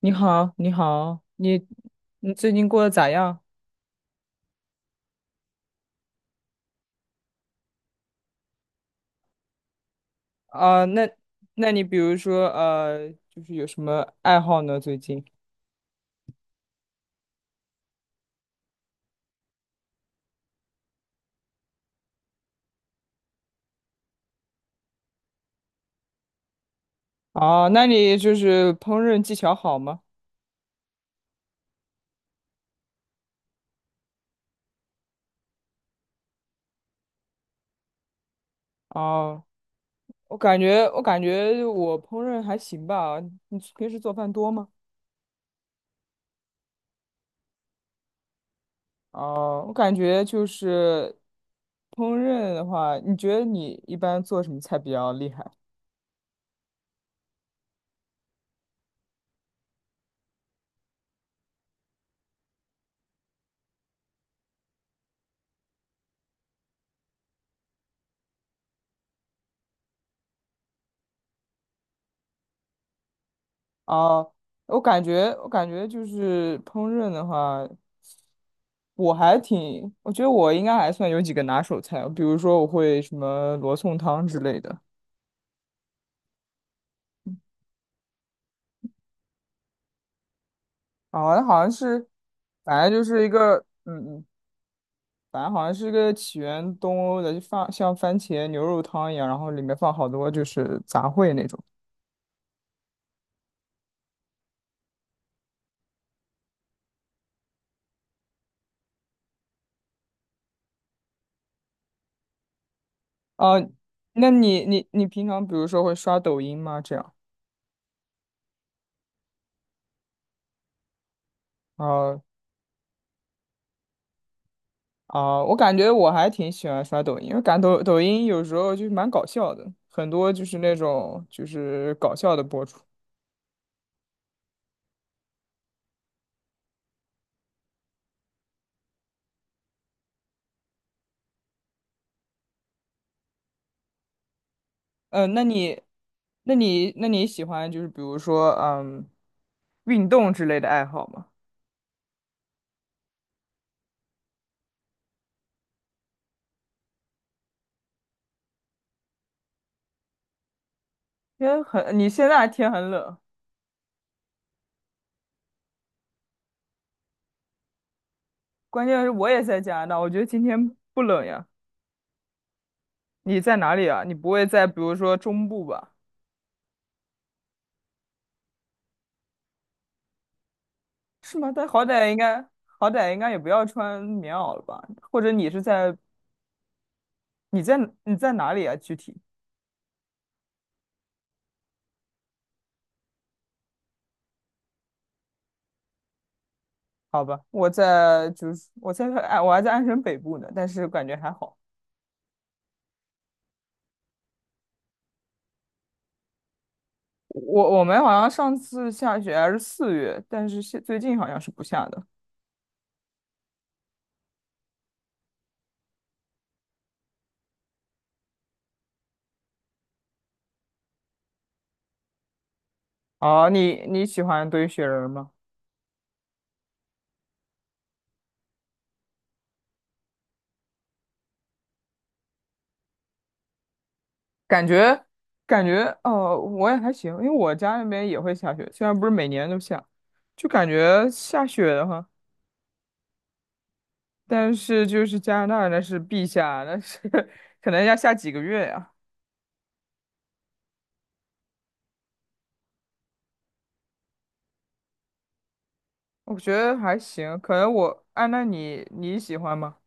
你好，你好，你最近过得咋样？啊、那那你比如说就是有什么爱好呢？最近？啊，那你就是烹饪技巧好吗？哦、我感觉我烹饪还行吧。你平时做饭多吗？哦、我感觉就是烹饪的话，你觉得你一般做什么菜比较厉害？哦、我感觉就是烹饪的话。我还挺，我觉得我应该还算有几个拿手菜，比如说我会什么罗宋汤之类的，啊，那好像是，反正就是一个，嗯嗯，反正好像是一个起源东欧的，就放像番茄牛肉汤一样，然后里面放好多就是杂烩那种。哦、那你平常比如说会刷抖音吗？这样，啊我感觉我还挺喜欢刷抖音，因为感抖音有时候就是蛮搞笑的，很多就是那种就是搞笑的博主。呃，那你，那你喜欢就是比如说，嗯，运动之类的爱好吗？天很，你现在天很冷，关键是我也在加拿大，我觉得今天不冷呀。你在哪里啊？你不会在比如说中部吧？是吗？但好歹应该，好歹应该也不要穿棉袄了吧？或者你是在，你在你在哪里啊？具体？好吧，我在就是我在哎，我还在安省北部呢，但是感觉还好。我们好像上次下雪还是四月，但是现最近好像是不下的。哦，你你喜欢堆雪人吗？感觉感觉哦，我也还行，因为我家那边也会下雪，虽然不是每年都下，就感觉下雪的话，但是就是加拿大那是必下，那是 可能要下几个月呀、我觉得还行，可能我，哎，那你你喜欢吗？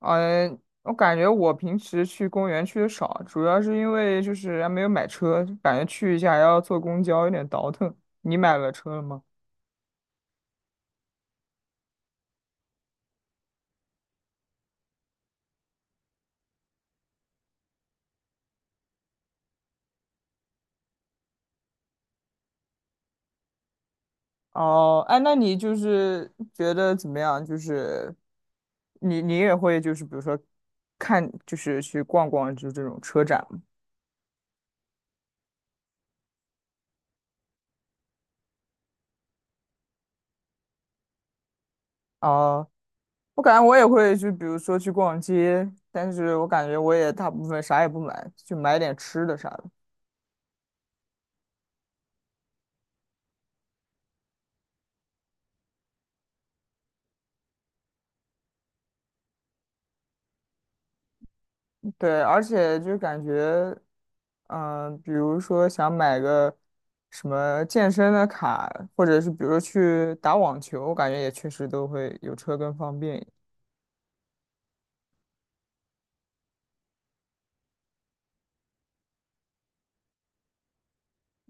嗯，我感觉我平时去公园去的少，主要是因为就是还没有买车，感觉去一下还要坐公交，有点倒腾。你买了车了吗？哦，哎，那你就是觉得怎么样？就是你你也会就是比如说看就是去逛逛就这种车展吗？哦，我感觉我也会就比如说去逛街，但是我感觉我也大部分啥也不买，就买点吃的啥的。对，而且就感觉，嗯、比如说想买个什么健身的卡，或者是比如说去打网球，我感觉也确实都会有车更方便一点。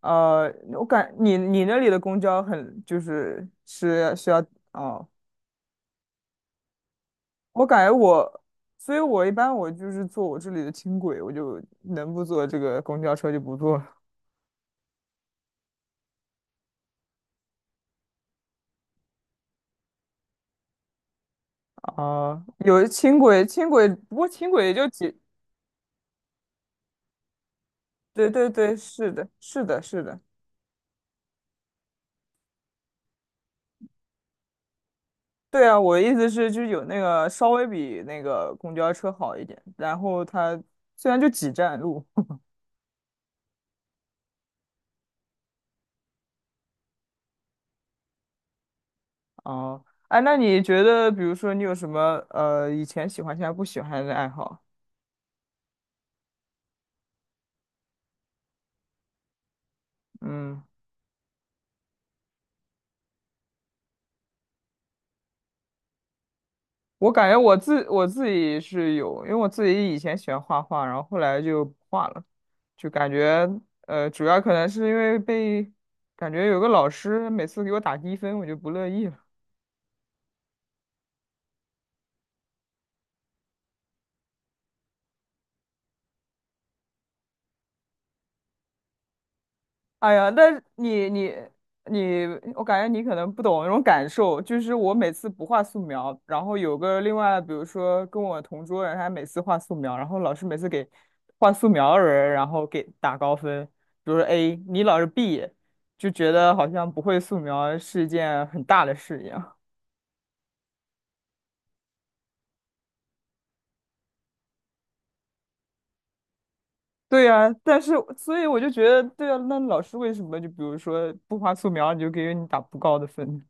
我感你你那里的公交很就是是需要哦，我感觉我，所以我一般我就是坐我这里的轻轨，我就能不坐这个公交车就不坐了啊、有轻轨，轻轨，不过轻轨也就几，对对对，是的，是的，是的。对啊，我的意思是，就是有那个稍微比那个公交车好一点，然后它虽然就几站路，哦，哎，那你觉得，比如说你有什么以前喜欢现在不喜欢的爱好？嗯，我感觉我自己是有，因为我自己以前喜欢画画，然后后来就不画了，就感觉主要可能是因为被感觉有个老师每次给我打低分，我就不乐意。了。哎呀，那你你你，我感觉你可能不懂那种感受，就是我每次不画素描，然后有个另外，比如说跟我同桌人，他每次画素描，然后老师每次给画素描的人，然后给打高分，比如说 A，你老是 B，就觉得好像不会素描是一件很大的事一样。对呀，但是所以我就觉得，对啊，那老师为什么就比如说不画素描，你就给你打不高的分？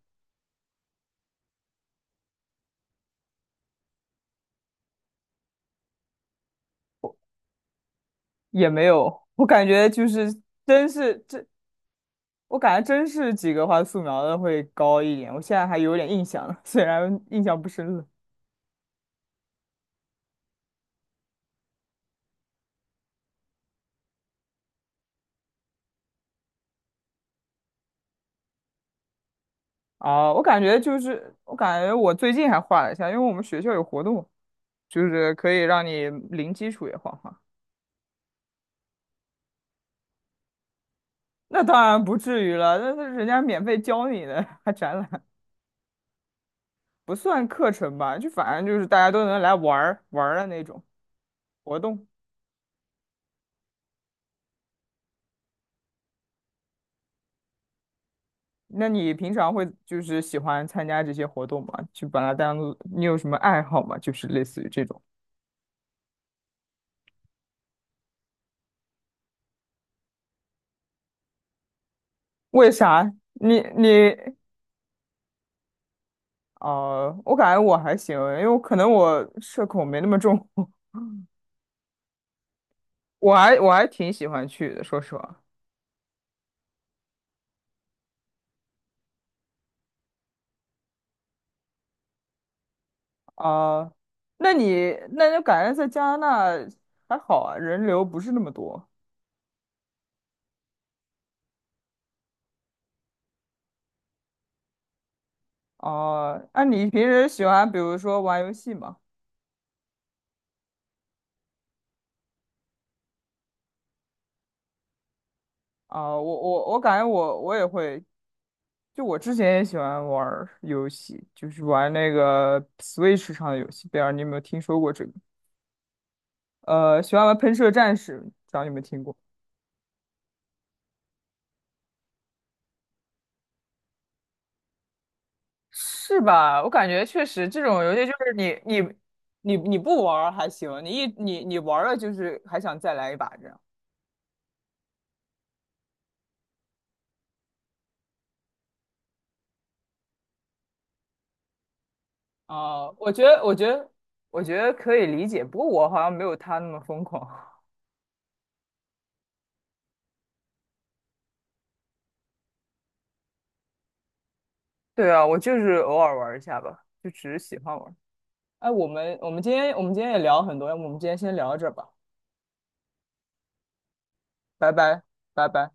也没有，我感觉就是真是这我感觉真是几个画素描的会高一点，我现在还有点印象了，虽然印象不深了。啊，我感觉就是，我感觉我最近还画了一下，因为我们学校有活动，就是可以让你零基础也画画。那当然不至于了，那是人家免费教你的，还展览，不算课程吧，就反正就是大家都能来玩儿玩儿的那种活动。那你平常会就是喜欢参加这些活动吗？就把它当做你有什么爱好吗？就是类似于这种。为啥？你你哦、我感觉我还行，因为我可能我社恐没那么重，我还挺喜欢去的，说实话。啊、那你那就感觉在加拿大还好啊，人流不是那么多。哦、那、你平时喜欢比如说玩游戏吗？啊、我感觉我也会，就我之前也喜欢玩儿游戏，就是玩那个 Switch 上的游戏，不知道你有没有听说过这个？呃，喜欢玩喷射战士，不知道你有没有听过？是吧？我感觉确实这种游戏就是你不玩儿还行，你一你你玩儿了就是还想再来一把这样。哦、我觉得可以理解，不过我好像没有他那么疯狂。对啊，我就是偶尔玩一下吧，就只是喜欢玩儿。哎，我们今天也聊很多，要不我们今天先聊到这儿吧，拜拜，拜拜。